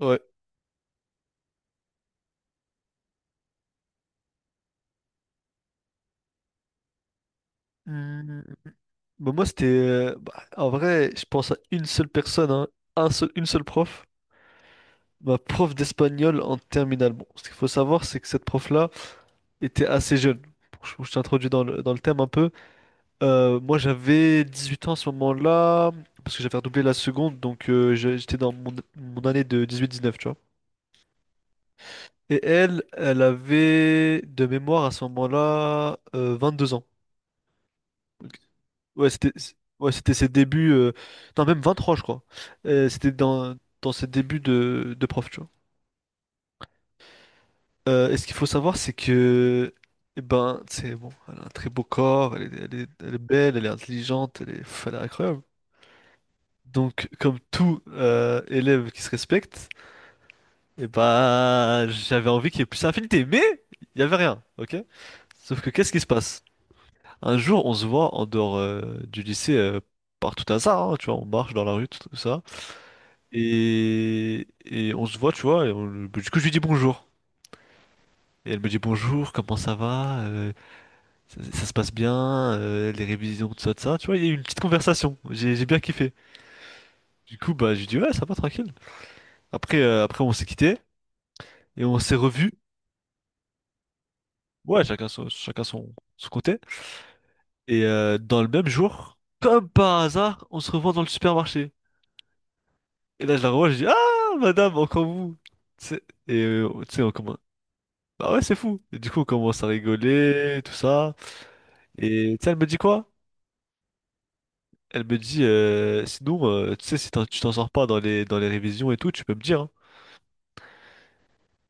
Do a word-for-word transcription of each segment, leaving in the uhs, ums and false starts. Ouais. Euh, Bah, moi, c'était. euh, bah, en vrai, je pense à une seule personne, hein, un seul, une seule prof. Ma prof d'espagnol en terminale. Bon, ce qu'il faut savoir, c'est que cette prof-là était assez jeune. Bon, Je, je t'introduis dans le, dans le thème un peu. Euh, moi, j'avais dix huit ans à ce moment-là, parce que j'avais redoublé la seconde, donc euh, je- j'étais dans mon, mon année de dix huit dix neuf, tu vois. Et elle, elle avait de mémoire à ce moment-là euh, deux ans. Ouais, c'était c- ouais, c'était ses débuts. euh, Non, même vingt-trois, je crois. Euh, c'était dans, dans ses débuts de, de prof, tu vois. Euh, et ce qu'il faut savoir, c'est que. eh ben, c'est bon, elle a un très beau corps, elle est, elle est, elle est belle, elle est intelligente, elle est, pff, elle est incroyable. Donc, comme tout euh, élève qui se respecte, eh ben, j'avais envie qu'il y ait plus d'affinité, mais il n'y avait rien, ok. Sauf que, qu'est-ce qui se passe? Un jour, on se voit en dehors euh, du lycée euh, par tout hasard, hein, tu vois, on marche dans la rue, tout tout ça. Et, et on se voit, tu vois. Et on- du coup, je lui dis bonjour. Et elle me dit bonjour, comment ça va? Euh, ça, ça se passe bien? Euh, les révisions, tout ça, tout ça. Tu vois, il y a eu une petite conversation. J'ai j'ai bien kiffé. Du coup, bah, je lui dis ouais, ça va, tranquille. Après, euh, après on s'est quitté et on s'est revus. Ouais, chacun son, chacun son, son côté. Et euh, dans le même jour, comme par hasard, on se revoit dans le supermarché. Et là, je la revois, je dis ah, madame, encore vous. Tu sais. Et euh, tu sais, on commence. Bah ouais, c'est fou. Et du coup, on commence à rigoler, tout ça. Et tu sais, elle me dit quoi? Elle me dit, euh, sinon, euh, tu sais, si t'en- tu t'en sors pas dans les, dans les révisions et tout, tu peux me dire, hein.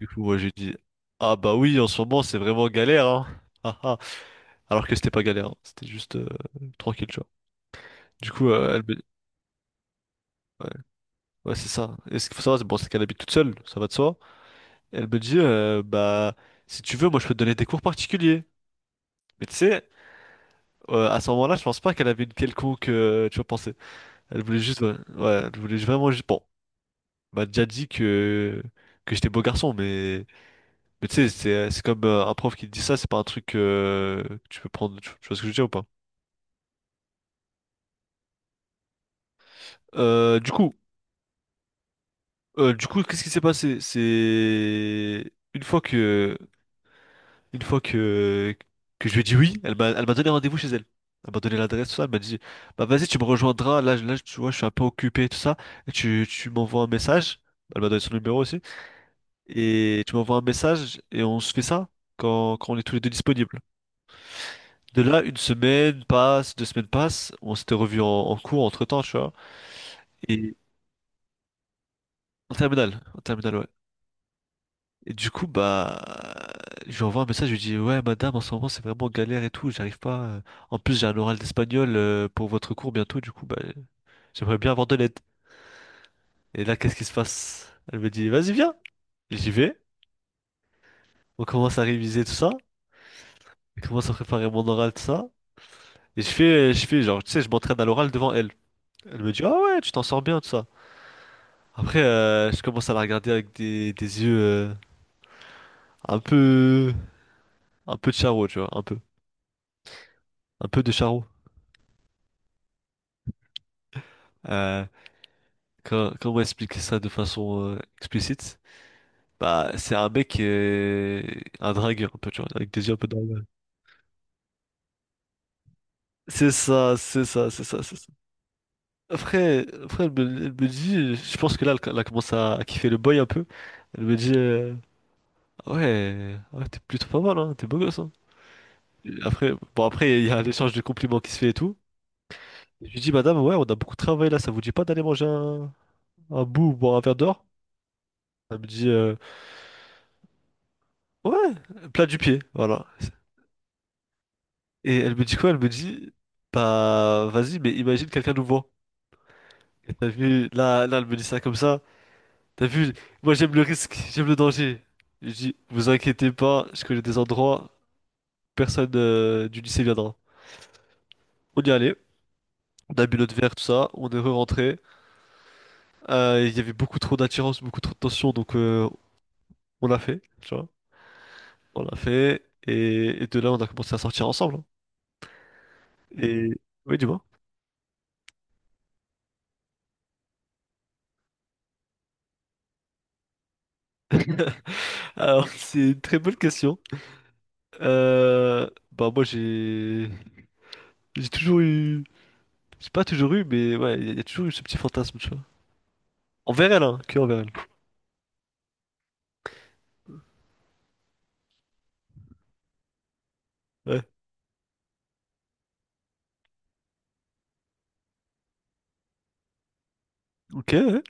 Du coup, moi, j'ai dit ah bah oui, en ce moment, c'est vraiment galère, hein. Ah, ah. Alors que c'était pas galère, hein. C'était juste euh, tranquille, tu vois. Du coup, euh, elle me dit ouais, ouais, c'est ça. Et ce qu'il faut savoir, c'est bon, c'est qu'elle habite toute seule, ça va de soi. Elle me dit, euh, bah, si tu veux, moi, je peux te donner des cours particuliers. Mais tu sais, euh, à ce moment-là, je pense pas qu'elle avait une quelconque, euh, tu vois, pensée. Elle voulait juste, ouais, ouais, elle voulait vraiment juste, bon, m'a déjà dit que, que j'étais beau garçon, mais, mais tu sais, c'est c'est comme euh, un prof qui te dit ça, c'est pas un truc euh, que tu peux prendre. Tu, tu vois ce que je veux dire ou pas? Euh, du coup, euh, du coup, qu'est-ce qui s'est passé? C'est une fois que, une fois que, que je lui ai dit oui, elle m'a, elle m'a donné rendez-vous chez elle. Elle m'a donné l'adresse, tout ça. Elle m'a dit bah vas-y, tu me rejoindras. Là, je- là, tu vois, je suis un peu occupé, tout ça. Et tu, tu m'envoies un message. Elle m'a donné son numéro aussi. Et tu m'envoies un message et on se fait ça quand, quand on est tous les deux disponibles. De là, une semaine passe, deux semaines passent, on s'était revu en, en cours entre-temps, tu vois. Et en terminale, en terminale, ouais. Et du coup, bah, je lui envoie un message, je lui dis ouais, madame, en ce moment, c'est vraiment galère et tout, j'arrive pas. euh. En plus, j'ai un oral d'espagnol euh, pour votre cours bientôt, du coup, bah, j'aimerais bien avoir de l'aide. Et là, qu'est-ce qui se passe? Elle me dit vas-y, viens. J'y vais. On commence à réviser tout ça. Je commence à préparer mon oral, tout ça. Et je fais, je fais, genre, tu sais, je m'entraîne à l'oral devant elle. Elle me dit ah ouais, tu t'en sors bien, tout ça. Après, euh, je commence à la regarder avec des, des yeux euh, un peu, un peu de charo, tu vois, un peu, un peu de charo. Euh, quand- Comment expliquer ça de façon euh, explicite? Bah, c'est un mec, euh, un dragueur un peu, tu vois, avec des yeux un peu dragueurs. C'est ça, c'est ça, c'est ça, c'est ça. Après, après elle me, elle me dit, je pense que là, elle, elle a commencé à, à kiffer le boy un peu. Elle me dit, euh, ouais, ouais, t'es plutôt pas mal, hein, t'es beau gosse, hein. Et Après, bon, après, il y a l'échange de compliments qui se fait et tout. Je lui dis madame, ouais, on a beaucoup travaillé là, ça vous dit pas d'aller manger un, un bout ou boire un verre dehors? Elle me dit, euh, ouais, plat du pied, voilà. Et elle me dit quoi? Elle me dit bah, vas-y, mais imagine quelqu'un nous voit. Et t'as vu, là, là, elle me dit ça comme ça. T'as vu, moi j'aime le risque, j'aime le danger. Je dis vous inquiétez pas, je connais des endroits, personne euh, du lycée viendra. On y allait, on a bu notre verre, tout ça, on est re-rentré. Euh, Il y avait beaucoup trop d'attirance, beaucoup trop de tension, donc euh, on l'a fait, tu vois. On l'a fait. Et, et de là, on a commencé à sortir ensemble, hein. Et oui, dis-moi. Alors, c'est une très bonne question. Euh, bah, moi, j'ai j'ai toujours eu, j'ai pas toujours eu, mais ouais, il y, a y a toujours eu ce petit fantasme, tu vois. Envers elle, hein, que envers elle. Ouais. Ok. Ouais.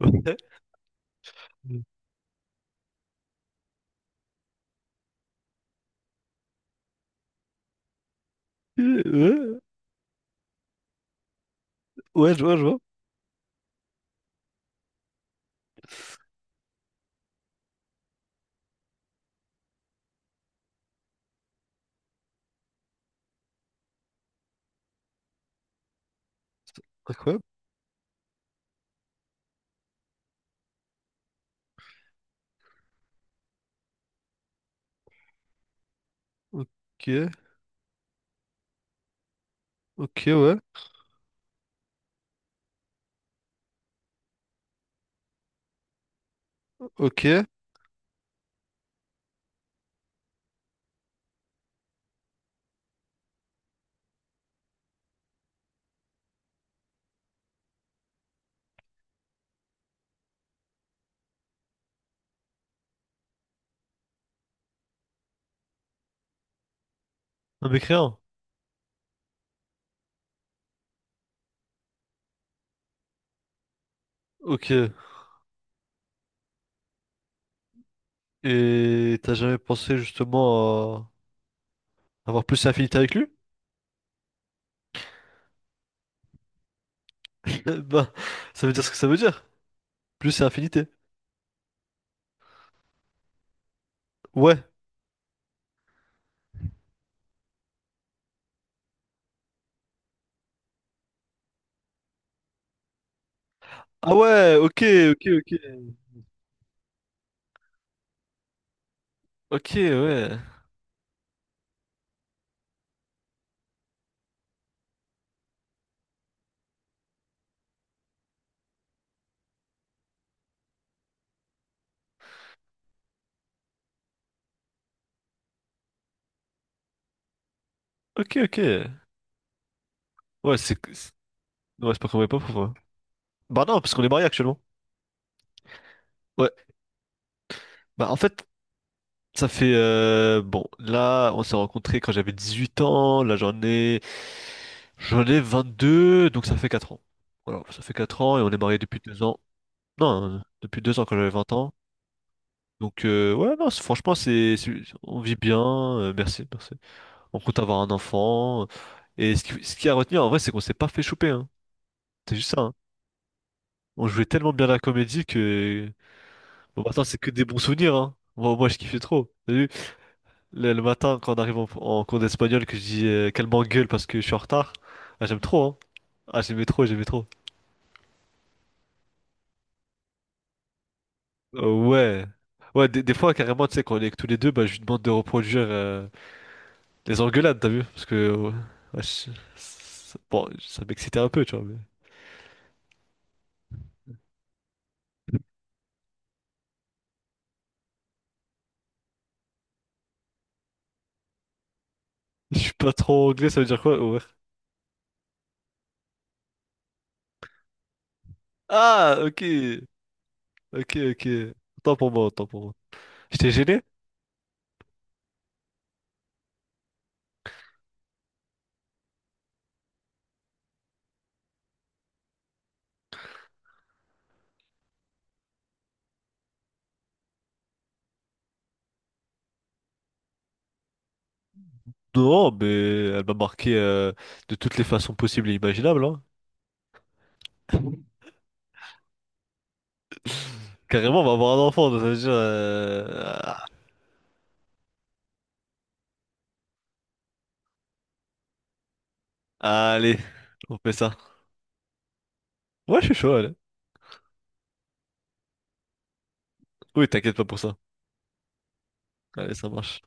Ouais. Euh, Ouais, ouais, je vois, je vois. Incroyable. Ok. Ok, ouais. Ok. Un mécréant. Ok. Et t'as jamais pensé justement à avoir plus d'affinité avec lui? Bah, ça veut dire ce que ça veut dire. Plus c'est infinité. Ouais. Ah ouais, ok, ok, ok. Ok, ouais. Ok, ok. Ouais, c'est... c'est- ouais, c'est pas qu'on voyait pas pourquoi. Bah non, parce qu'on est mariés actuellement. Ouais. Bah, en fait, ça fait... euh, bon, là, on s'est rencontrés quand j'avais dix-huit ans. Là, j'en ai... j'en ai vingt-deux, donc ça fait quatre ans. Voilà, ça fait quatre ans et on est mariés depuis deux ans. Non, euh, depuis deux ans quand j'avais vingt ans. Donc euh, ouais, non, c'est- franchement, c'est... c'est- on vit bien. Euh, merci, merci. On compte avoir un enfant. Et ce qui, ce qui a retenu en vrai, c'est qu'on s'est pas fait choper, hein. C'est juste ça, hein. On jouait tellement bien la comédie que bon, maintenant c'est que des bons souvenirs, hein. Moi, moi je kiffais trop. T'as vu, le, le matin quand on arrive en, en cours d'espagnol que je dis euh, qu'elle m'engueule parce que je suis en retard. Ah, j'aime trop, hein. Ah, j'aimais trop, j'aimais trop. Euh, ouais. Ouais, des, des fois, carrément, tu sais, quand on est que tous les deux, bah, je lui demande de reproduire euh, les engueulades, t'as vu? Parce que, ouais, ouais, je- ça- bon, ça m'excitait un peu, tu vois, mais je suis pas trop anglais, ça veut dire quoi? Ouais. Ah, ok. Ok, ok. Autant pour moi, autant pour moi. J'étais gêné? Non, mais elle m'a marqué euh, de toutes les façons possibles et imaginables, hein. Carrément, on va avoir un enfant, donc ça veut dire... euh, ah, allez, on fait ça. Ouais, je suis chaud, allez. Oui, t'inquiète pas pour ça. Allez, ça marche.